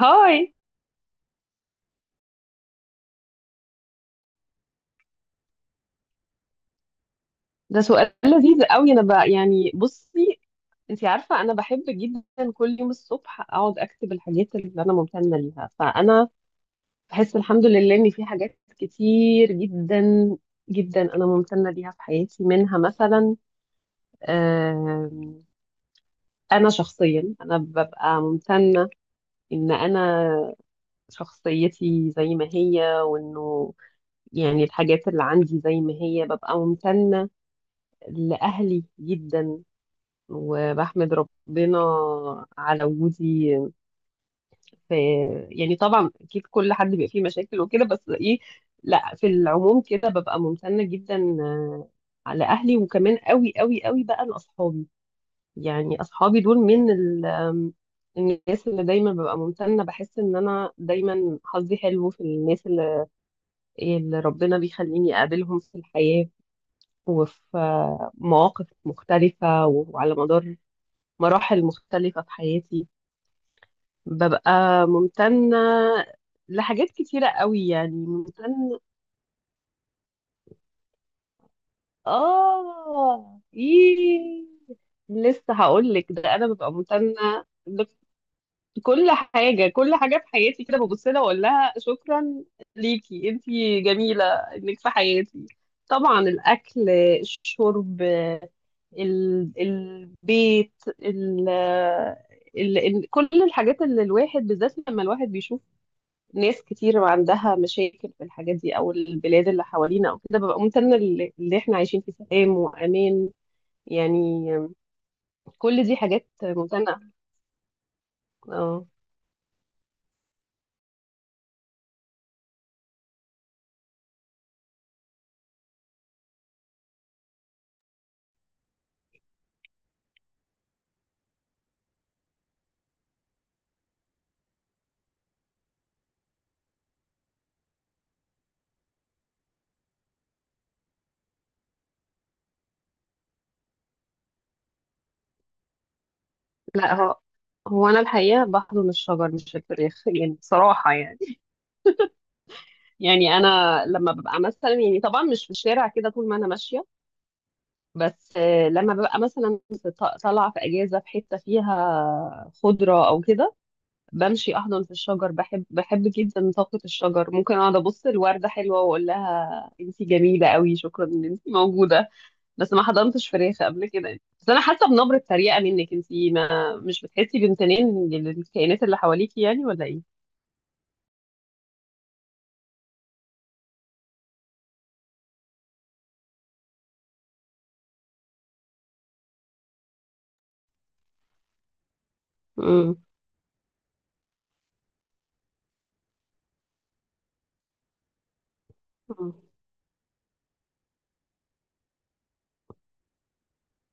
هاي. ده سؤال لذيذ قوي. انا بقى يعني بصي، انت عارفه انا بحب جدا كل يوم الصبح اقعد اكتب الحاجات اللي انا ممتنه ليها، فانا بحس الحمد لله ان في حاجات كتير جدا جدا انا ممتنه ليها في حياتي. منها مثلا آم، انا شخصيا انا ببقى ممتنه ان انا شخصيتي زي ما هي، وانه يعني الحاجات اللي عندي زي ما هي. ببقى ممتنه لاهلي جدا، وبحمد ربنا على وجودي. في يعني طبعا اكيد كل حد بيبقى فيه مشاكل وكده، بس ايه، لا في العموم كده ببقى ممتنة جدا على اهلي. وكمان قوي قوي قوي بقى لاصحابي، يعني اصحابي دول من ال- آم، الناس اللي دايما ببقى ممتنة. بحس ان انا دايما حظي حلو في الناس اللي ربنا بيخليني اقابلهم في الحياة، وفي مواقف مختلفة، وعلى مدار مراحل مختلفة في حياتي ببقى ممتنة لحاجات كتيرة قوي، يعني ممتنة. آه إيه، لسه هقول لك ده. أنا ببقى ممتنة لكل حاجة، كل حاجة في حياتي كده ببص لها وأقول لها شكرا ليكي أنتي جميلة إنك في حياتي. طبعا الأكل، الشرب، البيت، ال كل الحاجات اللي الواحد، بالذات لما الواحد بيشوف ناس كتير عندها مشاكل في الحاجات دي، او البلاد اللي حوالينا او كده، ببقى ممتنه اللي احنا عايشين في سلام وامان يعني. كل دي حاجات ممتنه. اه. لا، هو انا الحقيقه بحضن الشجر مش الفراخ يعني بصراحه يعني، يعني انا لما ببقى مثلا، يعني طبعا مش في الشارع كده طول ما انا ماشيه، بس لما ببقى مثلا طالعه في اجازه في حته فيها خضره او كده، بمشي احضن في الشجر. بحب جدا طاقة الشجر. ممكن اقعد ابص الوردة حلوة واقول لها انتي جميلة قوي شكرا ان انتي موجودة. بس ما حضنتش فراخ قبل كده. بس انا حاسة بنبرة تريقة منك، انتي ما مش بتحسي بامتنان للكائنات اللي حواليكي يعني ولا ايه؟ امم.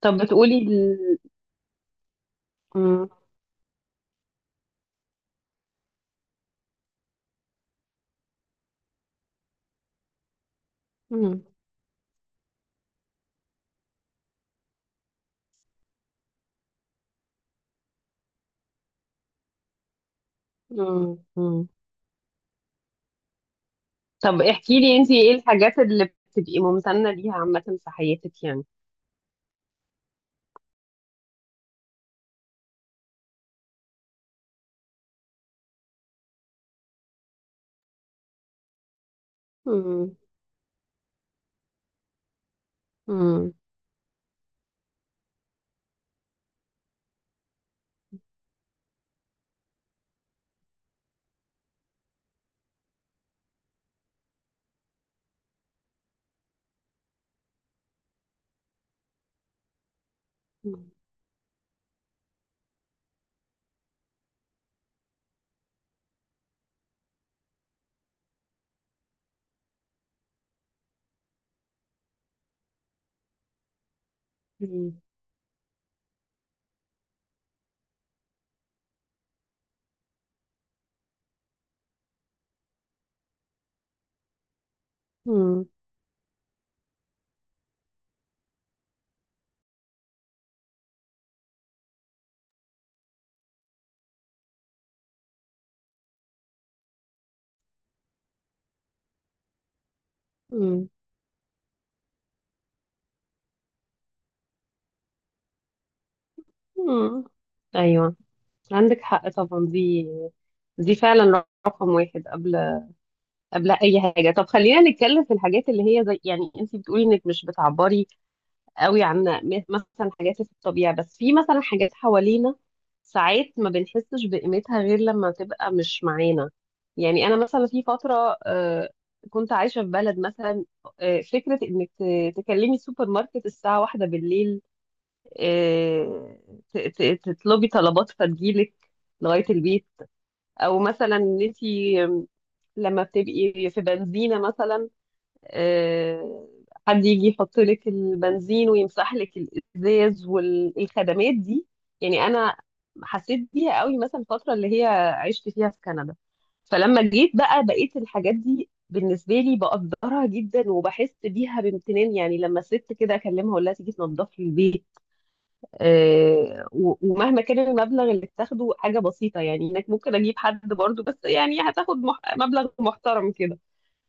طب بتقولي ال... مم. مم. مم. مم. طب احكي لي انتي، ايه الحاجات اللي بتبقي ممتنة ليها عامة في حياتك يعني؟ مم. مم. مم. مم. مم. مم. ايوه، عندك حق طبعا. دي، دي فعلا رقم واحد قبل قبل اي حاجه. طب خلينا نتكلم في الحاجات اللي هي زي، يعني انت بتقولي انك مش بتعبري قوي عن مثلا حاجات في الطبيعه، بس في مثلا حاجات حوالينا ساعات ما بنحسش بقيمتها غير لما تبقى مش معانا. يعني انا مثلا في فتره كنت عايشه في بلد، مثلا فكره انك تكلمي السوبر ماركت الساعه واحدة بالليل، آه، تطلبي طلبات فتجيلك لغاية البيت، او مثلا ان انتي لما بتبقي في بنزينة مثلا آه، حد يجي يحط لك البنزين ويمسح لك الازاز والخدمات دي. يعني انا حسيت بيها قوي مثلا الفترة اللي هي عشت فيها في كندا. فلما جيت بقى بقيت الحاجات دي بالنسبة لي بقدرها جدا وبحس بيها بامتنان، يعني لما الست كده اكلمها اقول لها تيجي تنضف لي البيت، ومهما كان المبلغ اللي بتاخده حاجة بسيطة. يعني هناك ممكن أجيب حد برضو، بس يعني هتاخد مح... مبلغ محترم كده،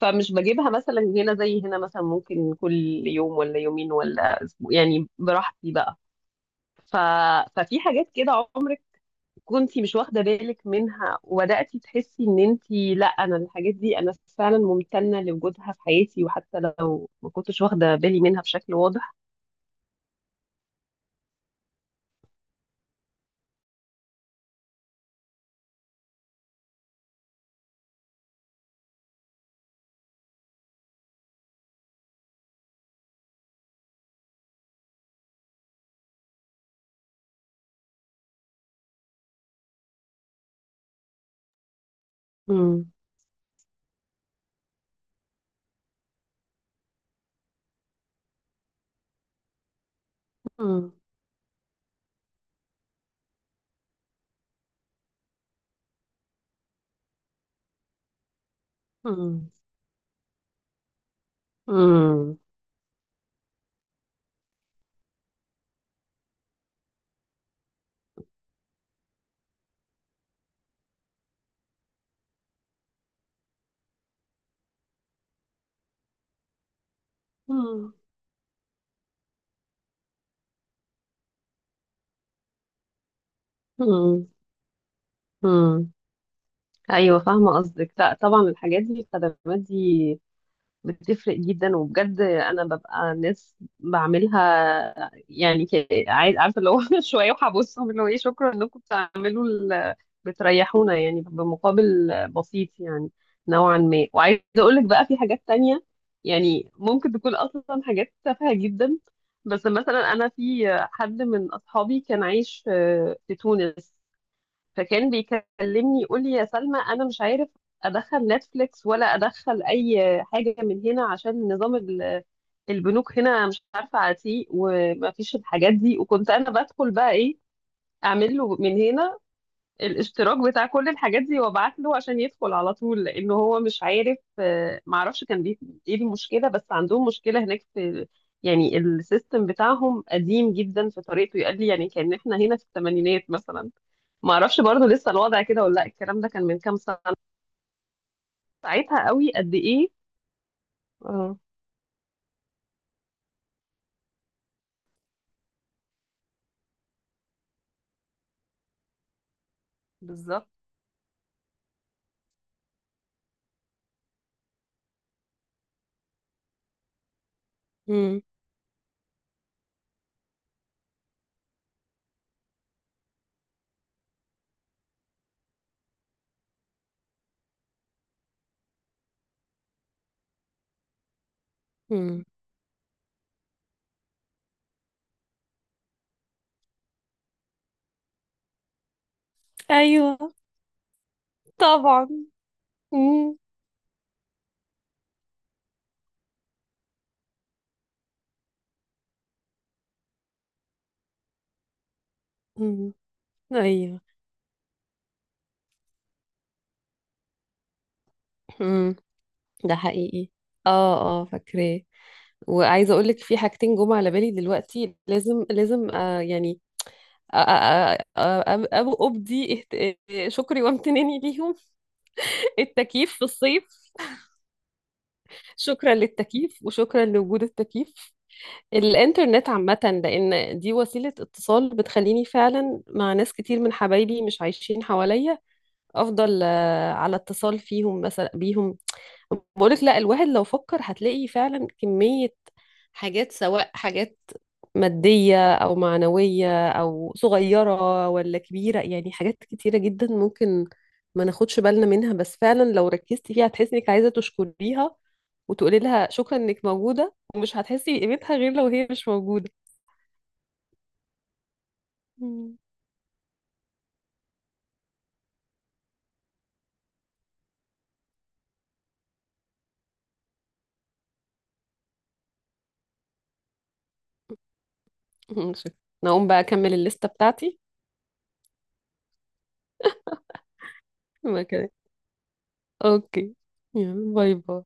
فمش بجيبها مثلا. هنا زي هنا مثلا ممكن كل يوم ولا يومين ولا أسبوع يعني، براحتي بقى. ف... ففي حاجات كده عمرك كنتي مش واخدة بالك منها، وبدأتي تحسي إن أنتي لا، أنا الحاجات دي أنا فعلا ممتنة لوجودها في حياتي، وحتى لو ما كنتش واخدة بالي منها بشكل واضح. مم. مم. مم. مم. امم. امم. ايوه فاهمه قصدك. لا طبعا الحاجات دي الخدمات دي بتفرق جدا، وبجد انا ببقى ناس بعملها يعني، عايز عارفه اللي هو شويه وهبصهم اللي هو ايه شكرا انكم بتعملوا بتريحونا يعني بمقابل بسيط يعني نوعا ما. وعايزه اقول لك بقى في حاجات تانية يعني ممكن تكون اصلا حاجات تافهه جدا. بس مثلا انا في حد من اصحابي كان عايش في تونس، فكان بيكلمني يقول لي يا سلمى انا مش عارف ادخل نتفليكس ولا ادخل اي حاجه من هنا عشان نظام البنوك هنا مش عارفه عتيق وما فيش الحاجات دي. وكنت انا بدخل بقى، ايه، اعمل له من هنا الاشتراك بتاع كل الحاجات دي وابعت له عشان يدخل على طول، لانه هو مش عارف معرفش كان ايه المشكله. بس عندهم مشكله هناك في يعني السيستم بتاعهم قديم جدا في طريقته. يقال لي يعني كان احنا هنا في الثمانينات مثلا، ما اعرفش برضو لسه الوضع كده ولا لا، الكلام ده كان من كام سنة، ساعتها قوي قد ايه. اه بالظبط. مم. مم. ايوه طبعا. مم. مم. ايوه. مم. ده حقيقي. اه اه فاكراه. وعايزه اقول لك في حاجتين جم على بالي دلوقتي لازم لازم آه يعني أ- أ- أ- أ- أبدي شكري وامتناني ليهم. التكييف في الصيف. شكرا للتكييف وشكرا لوجود التكييف. الإنترنت عامة، لأن دي وسيلة اتصال بتخليني فعلا مع ناس كتير من حبايبي مش عايشين حواليا أفضل على اتصال فيهم، مثلا بيهم. بقولك لا الواحد لو فكر هتلاقي فعلا كمية حاجات، سواء حاجات مادية أو معنوية أو صغيرة ولا كبيرة، يعني حاجات كتيرة جدا ممكن ما ناخدش بالنا منها، بس فعلا لو ركزتي فيها هتحسي إنك عايزة تشكريها وتقولي لها شكرا إنك موجودة، ومش هتحسي بقيمتها غير لو هي مش موجودة. مم. شكراً. نقوم بقى أكمل الليستة بتاعتي وكده. أوكي. يلا باي باي.